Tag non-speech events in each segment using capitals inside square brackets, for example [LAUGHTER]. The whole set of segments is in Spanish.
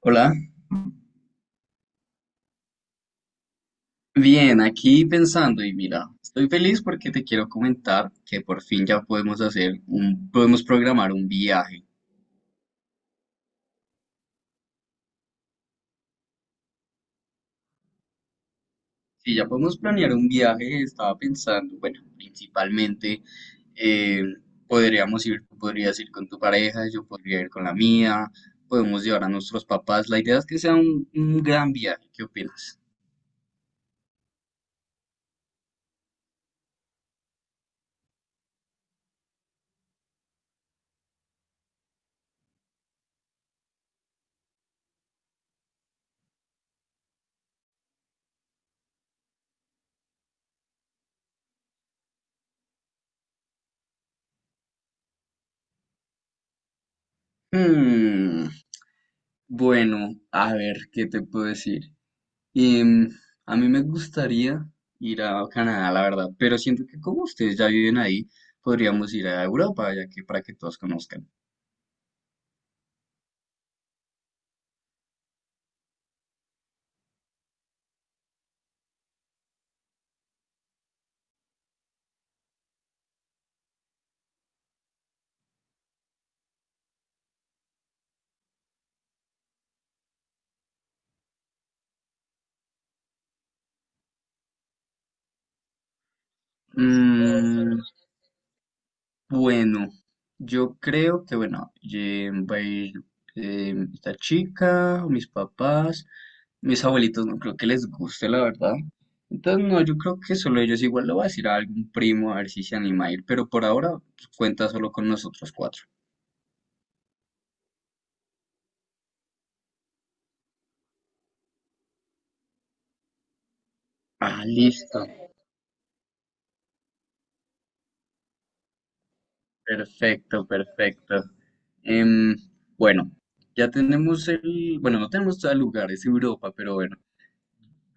Hola, bien, aquí pensando y mira, estoy feliz porque te quiero comentar que por fin ya podemos hacer podemos programar un viaje. Si ya podemos planear un viaje, estaba pensando, bueno, principalmente eh, podríamos tú podrías ir con tu pareja, yo podría ir con la mía, podemos llevar a nuestros papás. La idea es que sea un gran viaje, ¿qué opinas? Hmm, bueno, a ver, ¿qué te puedo decir? Y a mí me gustaría ir a Canadá, la verdad, pero siento que como ustedes ya viven ahí, podríamos ir a Europa, ya que para que todos conozcan. Mm, bueno, yo creo que, bueno, va a ir esta chica, mis papás, mis abuelitos no creo que les guste, la verdad. Entonces, no, yo creo que solo ellos igual lo va a decir a algún primo, a ver si se anima a ir, pero por ahora pues, cuenta solo con nosotros cuatro. Ah, listo. Perfecto, perfecto. Em, bueno, ya tenemos bueno, no tenemos todo el lugar, es Europa, pero bueno,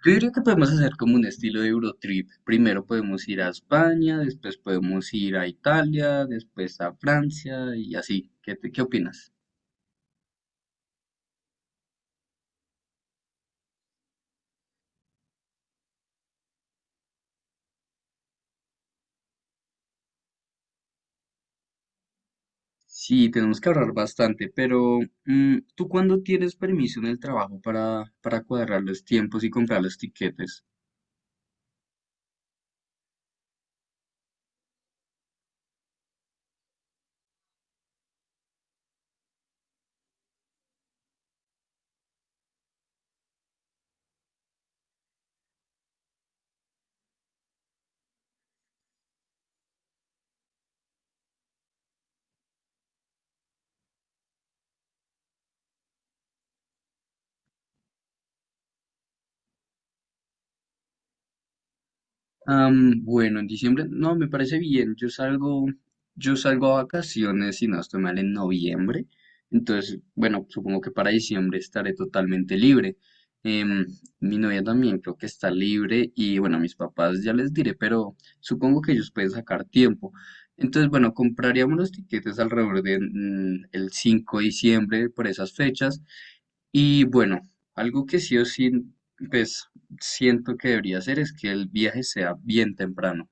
yo diría que podemos hacer como un estilo de Eurotrip. Primero podemos ir a España, después podemos ir a Italia, después a Francia y así. ¿Qué opinas? Sí, tenemos que ahorrar bastante, pero ¿tú cuándo tienes permiso en el trabajo para cuadrar los tiempos y comprar los tiquetes? Am, bueno, en diciembre, no, me parece bien. Yo salgo a vacaciones, si no estoy mal, en noviembre. Entonces, bueno, supongo que para diciembre estaré totalmente libre. Em, mi novia también creo que está libre y bueno, a mis papás ya les diré, pero supongo que ellos pueden sacar tiempo. Entonces, bueno, compraríamos los tiquetes alrededor de el 5 de diciembre por esas fechas. Y bueno, algo que sí o sí, pues siento que debería hacer es que el viaje sea bien temprano.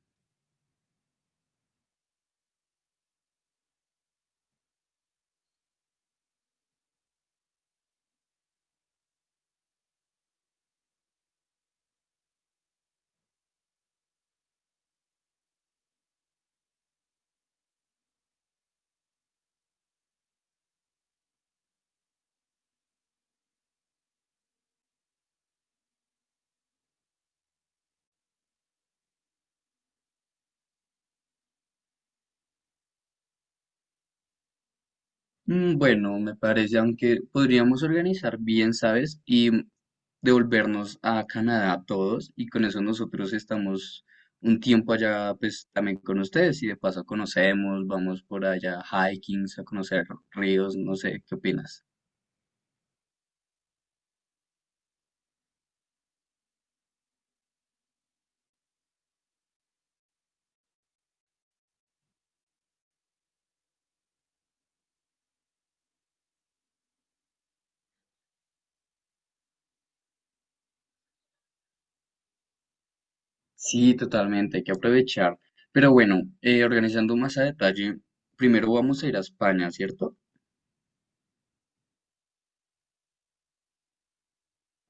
Mm, bueno, me parece, aunque podríamos organizar bien, ¿sabes? Y devolvernos a Canadá todos y con eso nosotros estamos un tiempo allá, pues también con ustedes y de paso conocemos, vamos por allá hiking, a conocer ríos, no sé, ¿qué opinas? Sí, totalmente, hay que aprovechar. Pero bueno, organizando más a detalle, primero vamos a ir a España, ¿cierto?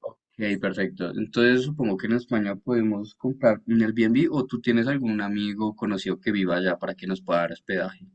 Ok, perfecto. Entonces supongo que en España podemos comprar un Airbnb o tú tienes algún amigo o conocido que viva allá para que nos pueda dar hospedaje.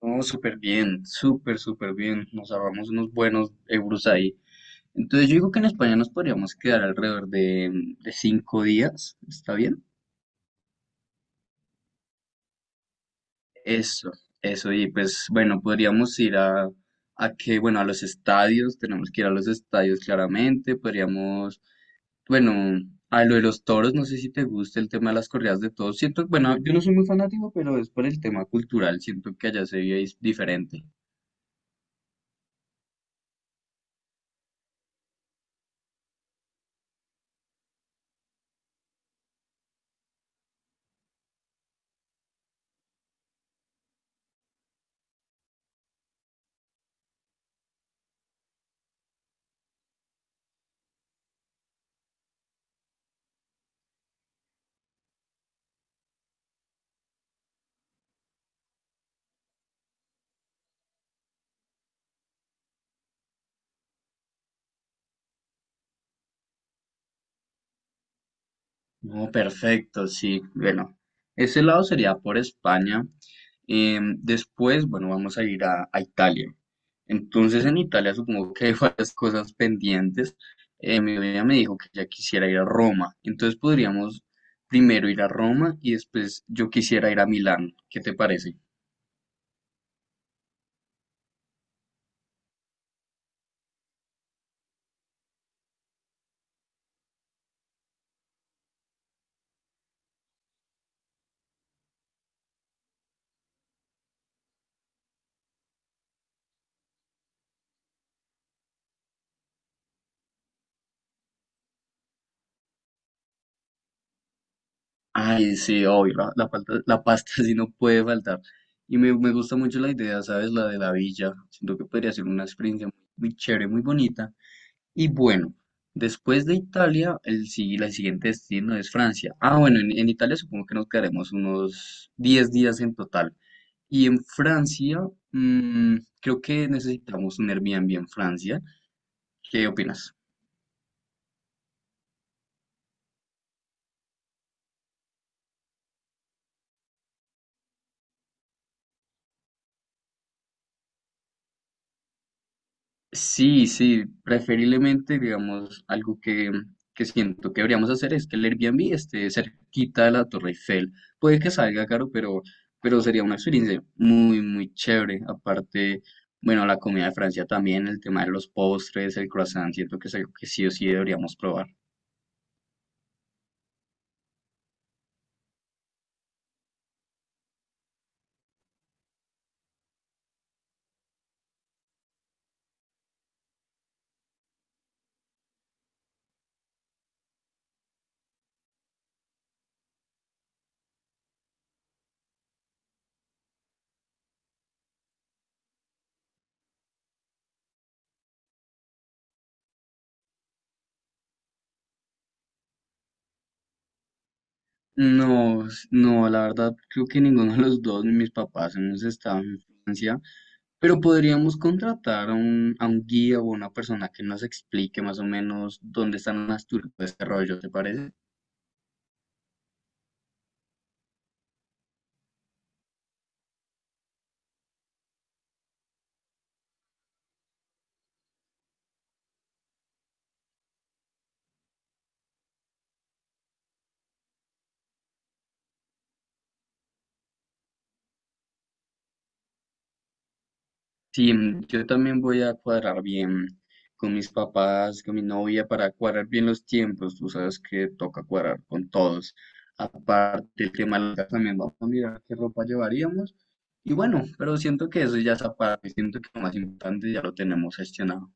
No, súper bien, súper, súper bien. Nos ahorramos unos buenos euros ahí. Entonces yo digo que en España nos podríamos quedar alrededor de 5 días. ¿Está bien? Eso, eso. Y pues bueno, podríamos ir a bueno, a los estadios. Tenemos que ir a los estadios claramente. Podríamos bueno, a lo de los toros, no sé si te gusta el tema de las corridas de toros. Siento, bueno, yo no soy muy fanático, pero es por el tema cultural. Siento que allá se vive diferente. No, perfecto, sí. Bueno, ese lado sería por España. Después, bueno, vamos a ir a Italia. Entonces, en Italia supongo que hay [LAUGHS] varias cosas pendientes. Mi novia me dijo que ya quisiera ir a Roma. Entonces podríamos primero ir a Roma y después yo quisiera ir a Milán. ¿Qué te parece? Ay, sí, obvio, la pasta [LAUGHS] sí no puede faltar. Y me gusta mucho la idea, ¿sabes? La de la villa. Siento que podría ser una experiencia muy, chévere, muy bonita. Y bueno, después de Italia, el siguiente destino es Francia. Ah, bueno, en Italia supongo que nos quedaremos unos 10 días en total. Y en Francia, creo que necesitamos un Airbnb en Francia. ¿Qué opinas? Sí, sí, preferiblemente, digamos, algo que siento que deberíamos hacer es que el Airbnb esté cerquita de la Torre Eiffel. Puede que salga caro, pero sería una experiencia muy, muy chévere. Aparte, bueno, la comida de Francia también, el tema de los postres, el croissant, siento que es algo que sí o sí deberíamos probar. No, no, la verdad, creo que ninguno de los dos, mis papás hemos estado en Francia. Pero podríamos contratar a a un guía o una persona que nos explique más o menos dónde están las turbas de desarrollo, ¿te parece? Sí, mm, yo también voy a cuadrar bien con mis papás, con mi novia, para cuadrar bien los tiempos. Tú sabes que toca cuadrar con todos. Aparte, el tema de la casa, también vamos a mirar qué ropa llevaríamos. Y bueno, pero siento que eso ya es aparte, siento que lo más importante ya lo tenemos gestionado.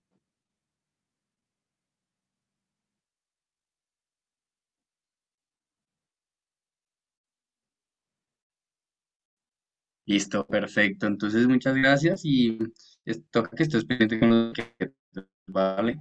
Listo, perfecto. Entonces, muchas gracias y toca que estés pendiente con lo que... Vale.